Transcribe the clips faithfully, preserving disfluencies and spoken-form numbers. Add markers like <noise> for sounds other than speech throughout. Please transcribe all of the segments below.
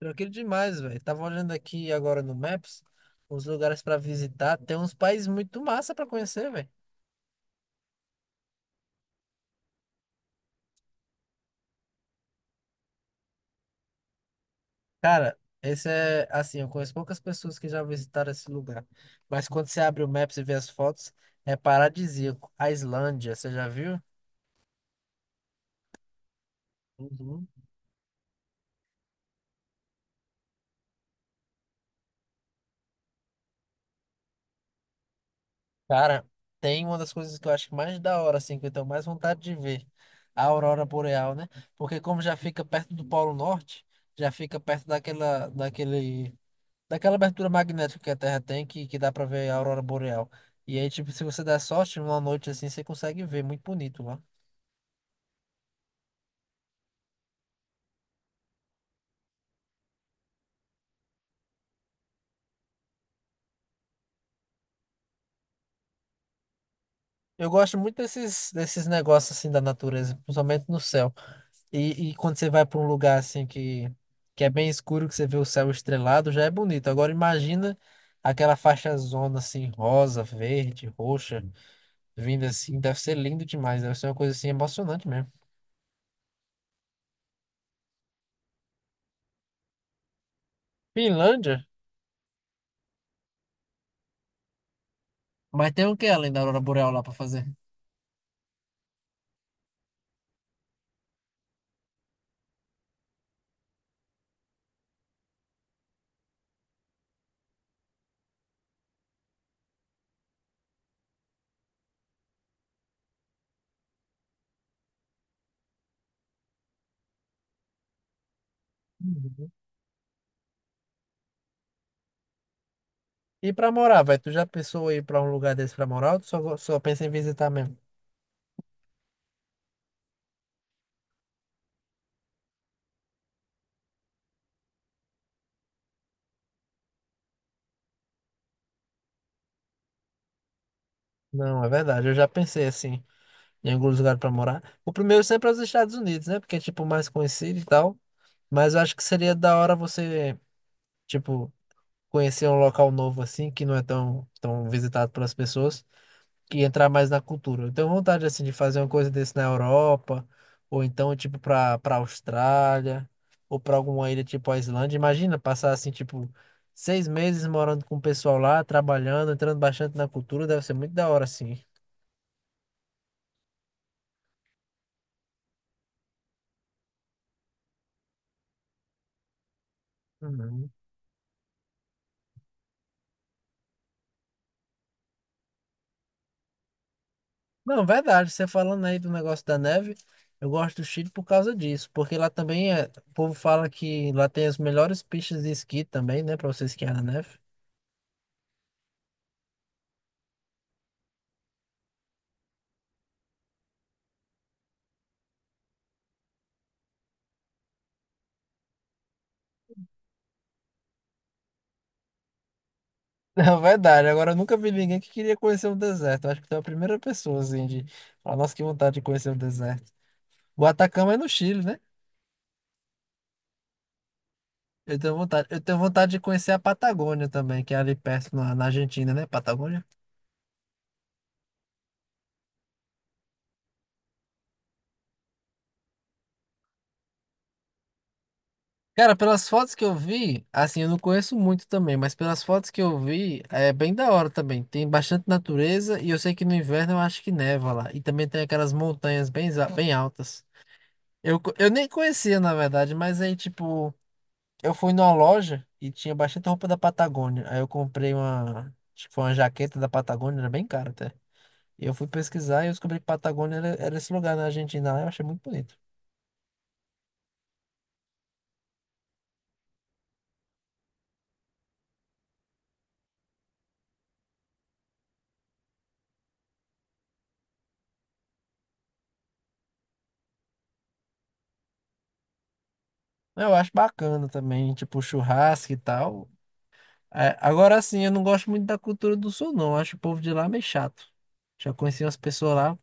Tranquilo demais, velho. Tava olhando aqui agora no Maps os lugares pra visitar. Tem uns países muito massa pra conhecer, velho. Cara, esse é assim, eu conheço poucas pessoas que já visitaram esse lugar. Mas quando você abre o Maps e vê as fotos, é paradisíaco. A Islândia, você já viu? Uhum. Cara, tem uma das coisas que eu acho que mais da hora, assim, que eu tenho mais vontade de ver, a aurora boreal, né? Porque como já fica perto do Polo Norte, já fica perto daquela, daquele daquela abertura magnética que a Terra tem, que, que dá pra ver a aurora boreal. E aí, tipo, se você der sorte, numa noite assim, você consegue ver, muito bonito lá. Eu gosto muito desses, desses negócios assim da natureza, principalmente no céu. E, e quando você vai pra um lugar assim que, que é bem escuro, que você vê o céu estrelado, já é bonito. Agora imagina aquela faixa zona assim, rosa, verde, roxa, vindo assim, deve ser lindo demais, deve ser uma coisa assim emocionante mesmo. Finlândia? Mas tem o que além da aurora boreal lá pra fazer? E pra morar, velho, tu já pensou em ir pra um lugar desse pra morar ou tu só, go- só pensa em visitar mesmo? Não, é verdade, eu já pensei assim, em algum lugar pra morar. O primeiro sempre é os Estados Unidos, né? Porque é tipo mais conhecido e tal. Mas eu acho que seria da hora você, tipo, conhecer um local novo assim, que não é tão, tão visitado pelas pessoas. E entrar mais na cultura. Eu tenho vontade assim de fazer uma coisa desse na Europa, ou então tipo para para Austrália, ou para alguma ilha tipo a Islândia. Imagina passar assim tipo seis meses morando com o pessoal lá, trabalhando, entrando bastante na cultura, deve ser muito da hora assim. Uhum. Não, verdade, você falando aí do negócio da neve, eu gosto do Chile por causa disso, porque lá também é, o povo fala que lá tem as melhores pistas de esqui também, né, para você esquiar na neve. Na verdade, agora eu nunca vi ninguém que queria conhecer o deserto. Eu acho que tu é a primeira pessoa, assim, de falar, nossa, que vontade de conhecer o deserto. O Atacama é no Chile, né? Eu tenho vontade, eu tenho vontade de conhecer a Patagônia também, que é ali perto na, na Argentina, né? Patagônia. Cara, pelas fotos que eu vi, assim, eu não conheço muito também, mas pelas fotos que eu vi, é bem da hora também. Tem bastante natureza e eu sei que no inverno eu acho que neva lá. E também tem aquelas montanhas bem, za- bem altas. Eu, co- eu nem conhecia, na verdade, mas aí, tipo. Eu fui numa loja e tinha bastante roupa da Patagônia. Aí eu comprei uma, acho que foi uma jaqueta da Patagônia, era bem cara até. E eu fui pesquisar e eu descobri que Patagônia era, era esse lugar na Argentina lá. Eu achei muito bonito. Eu acho bacana também, tipo churrasco e tal. É, agora sim, eu não gosto muito da cultura do sul, não. Eu acho o povo de lá meio chato. Já conheci umas pessoas lá.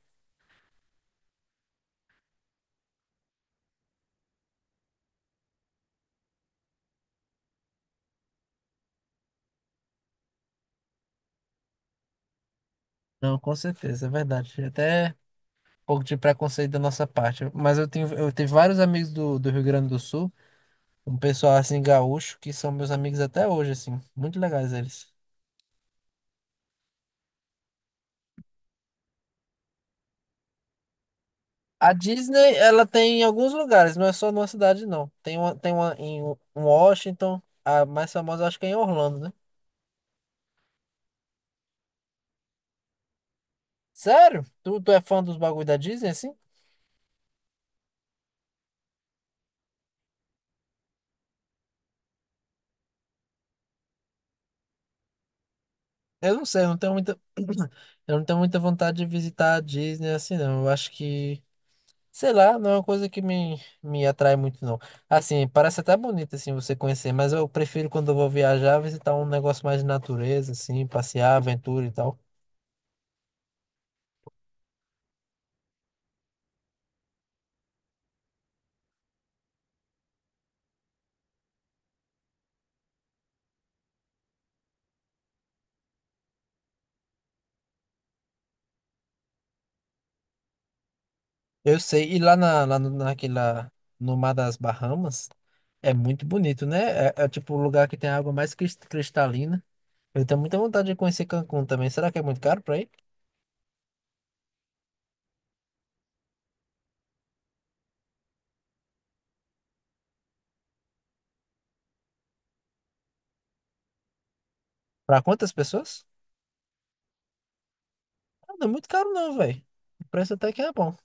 Não, com certeza, é verdade. Até um pouco de preconceito da nossa parte. Mas eu tenho, eu tenho vários amigos do, do Rio Grande do Sul. Um pessoal assim gaúcho que são meus amigos até hoje, assim. Muito legais eles. A Disney, ela tem em alguns lugares, não é só numa cidade, não. Tem uma, tem uma em um Washington, a mais famosa acho que é em Orlando, né? Sério? Tu, tu é fã dos bagulho da Disney, assim? Eu não sei, eu não tenho muita. <clears throat> Eu não tenho muita vontade de visitar a Disney assim, não. Eu acho que. Sei lá, não é uma coisa que me, me atrai muito, não. Assim, parece até bonito, assim, você conhecer, mas eu prefiro quando eu vou viajar, visitar um negócio mais de natureza, assim, passear, aventura e tal. Eu sei, e lá, na, lá no- naquela, no Mar das Bahamas, é muito bonito, né? É, é tipo o lugar que tem a água mais cris- cristalina. Eu tenho muita vontade de conhecer Cancún também. Será que é muito caro pra ir? Pra quantas pessoas? Ah, não é muito caro não, velho. O preço até que é bom.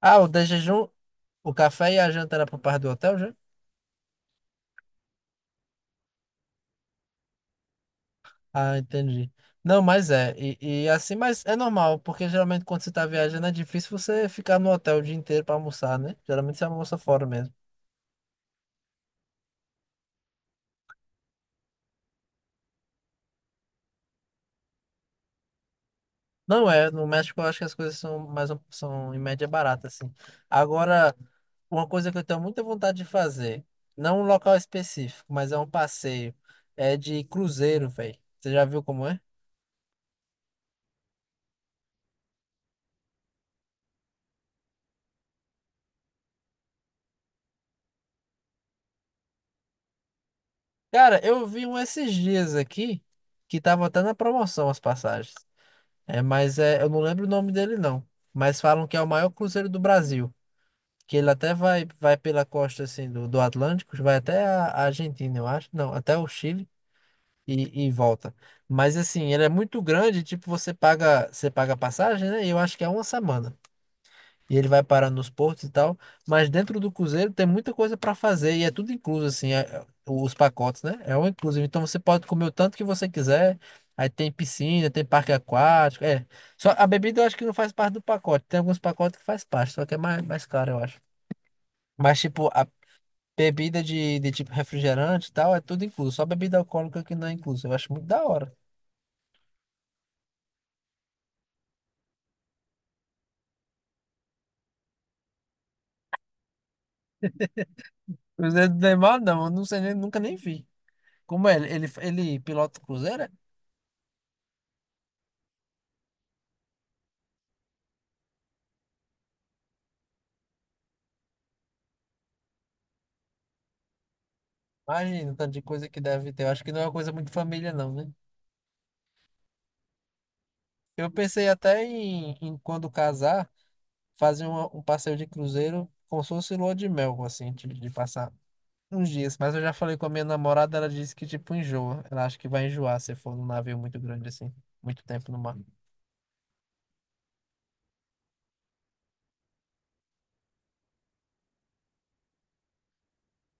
Ah, o de jejum, o café e a janta era por parte do hotel já? Ah, entendi. Não, mas é. E, e assim, mas é normal, porque geralmente quando você tá viajando é difícil você ficar no hotel o dia inteiro pra almoçar, né? Geralmente você almoça fora mesmo. Não, é, no México eu acho que as coisas são mais um- são em média barata, assim. Agora, uma coisa que eu tenho muita vontade de fazer, não um local específico, mas é um passeio, é de cruzeiro, velho. Você já viu como é? Cara, eu vi um esses dias aqui que tava até na promoção as passagens. É, mas é, eu não lembro o nome dele não, mas falam que é o maior cruzeiro do Brasil, que ele até vai vai pela costa assim do, do Atlântico, vai até a a Argentina, eu acho. Não, até o Chile. e, e volta. Mas assim, ele é muito grande, tipo, você paga, você paga a passagem, né? E eu acho que é uma semana. E ele vai parar nos portos e tal, mas dentro do cruzeiro tem muita coisa para fazer e é tudo incluso assim, é- é- os pacotes, né? É um inclusive. Então você pode comer o tanto que você quiser. Aí tem piscina, tem parque aquático, é. Só a bebida eu acho que não faz parte do pacote. Tem alguns pacotes que faz parte, só que é mais, mais caro, eu acho. Mas tipo, a bebida de, de tipo refrigerante e tal, é tudo incluso. Só bebida alcoólica que não é incluso. Eu acho muito da hora. Cruzeiro do Neymar, não. Eu não sei, nem, nunca nem vi. Como é? Ele, ele pilota o Cruzeiro? É? Imagina, o tanto de coisa que deve ter. Eu acho que não é uma coisa muito família, não, né? Eu pensei até em, em quando casar, fazer uma- um passeio de cruzeiro como se fosse lua de mel, assim, de, de passar uns dias. Mas eu já falei com a minha namorada, ela disse que, tipo, enjoa. Ela acha que vai enjoar se for num navio muito grande, assim, muito tempo no mar.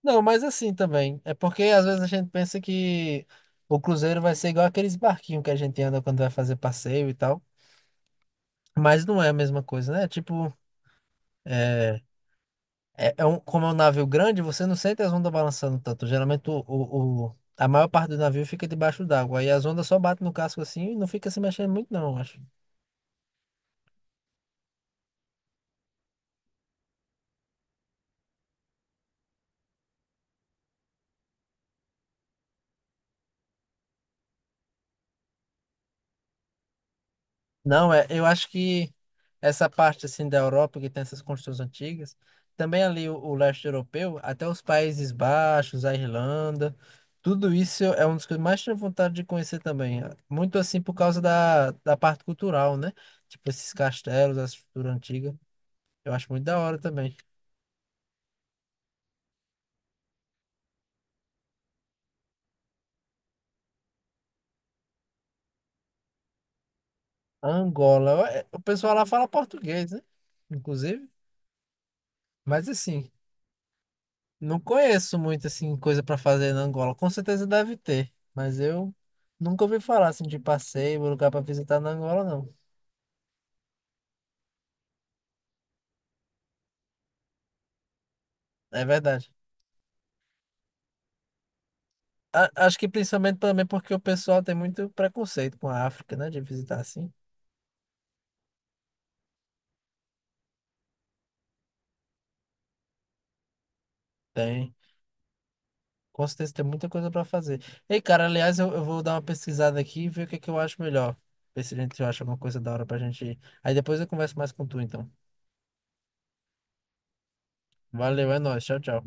Não, mas assim também. É porque às vezes a gente pensa que o cruzeiro vai ser igual aqueles barquinhos que a gente anda quando vai fazer passeio e tal. Mas não é a mesma coisa, né? Tipo, é, é é um, como é um navio grande, você não sente as ondas balançando tanto. Geralmente o, o, o- a maior parte do navio fica debaixo d'água. Aí as ondas só batem no casco assim e não fica se mexendo muito, não, eu acho. Não, é, eu acho que essa parte assim da Europa que tem essas construções antigas, também ali o, o leste europeu, até os Países Baixos, a Irlanda, tudo isso é uma das coisas que eu mais tenho vontade de conhecer também. Muito assim por causa da, da parte cultural, né? Tipo esses castelos, a estrutura antiga, eu acho muito da hora também. Angola, é, o pessoal lá fala português, né? Inclusive, mas assim, não conheço muito assim coisa pra fazer na Angola. Com certeza deve ter, mas eu nunca ouvi falar assim de passeio, lugar pra visitar na Angola, não. É verdade. A- acho que principalmente também porque o pessoal tem muito preconceito com a África, né, de visitar assim. Tem. Com certeza tem muita coisa pra fazer. Ei, cara, aliás, eu, eu vou dar uma pesquisada aqui e ver o que é que eu acho melhor. Ver se a gente acha alguma coisa da hora pra gente ir. Aí depois eu converso mais com tu, então. Valeu, é nóis. Tchau, tchau.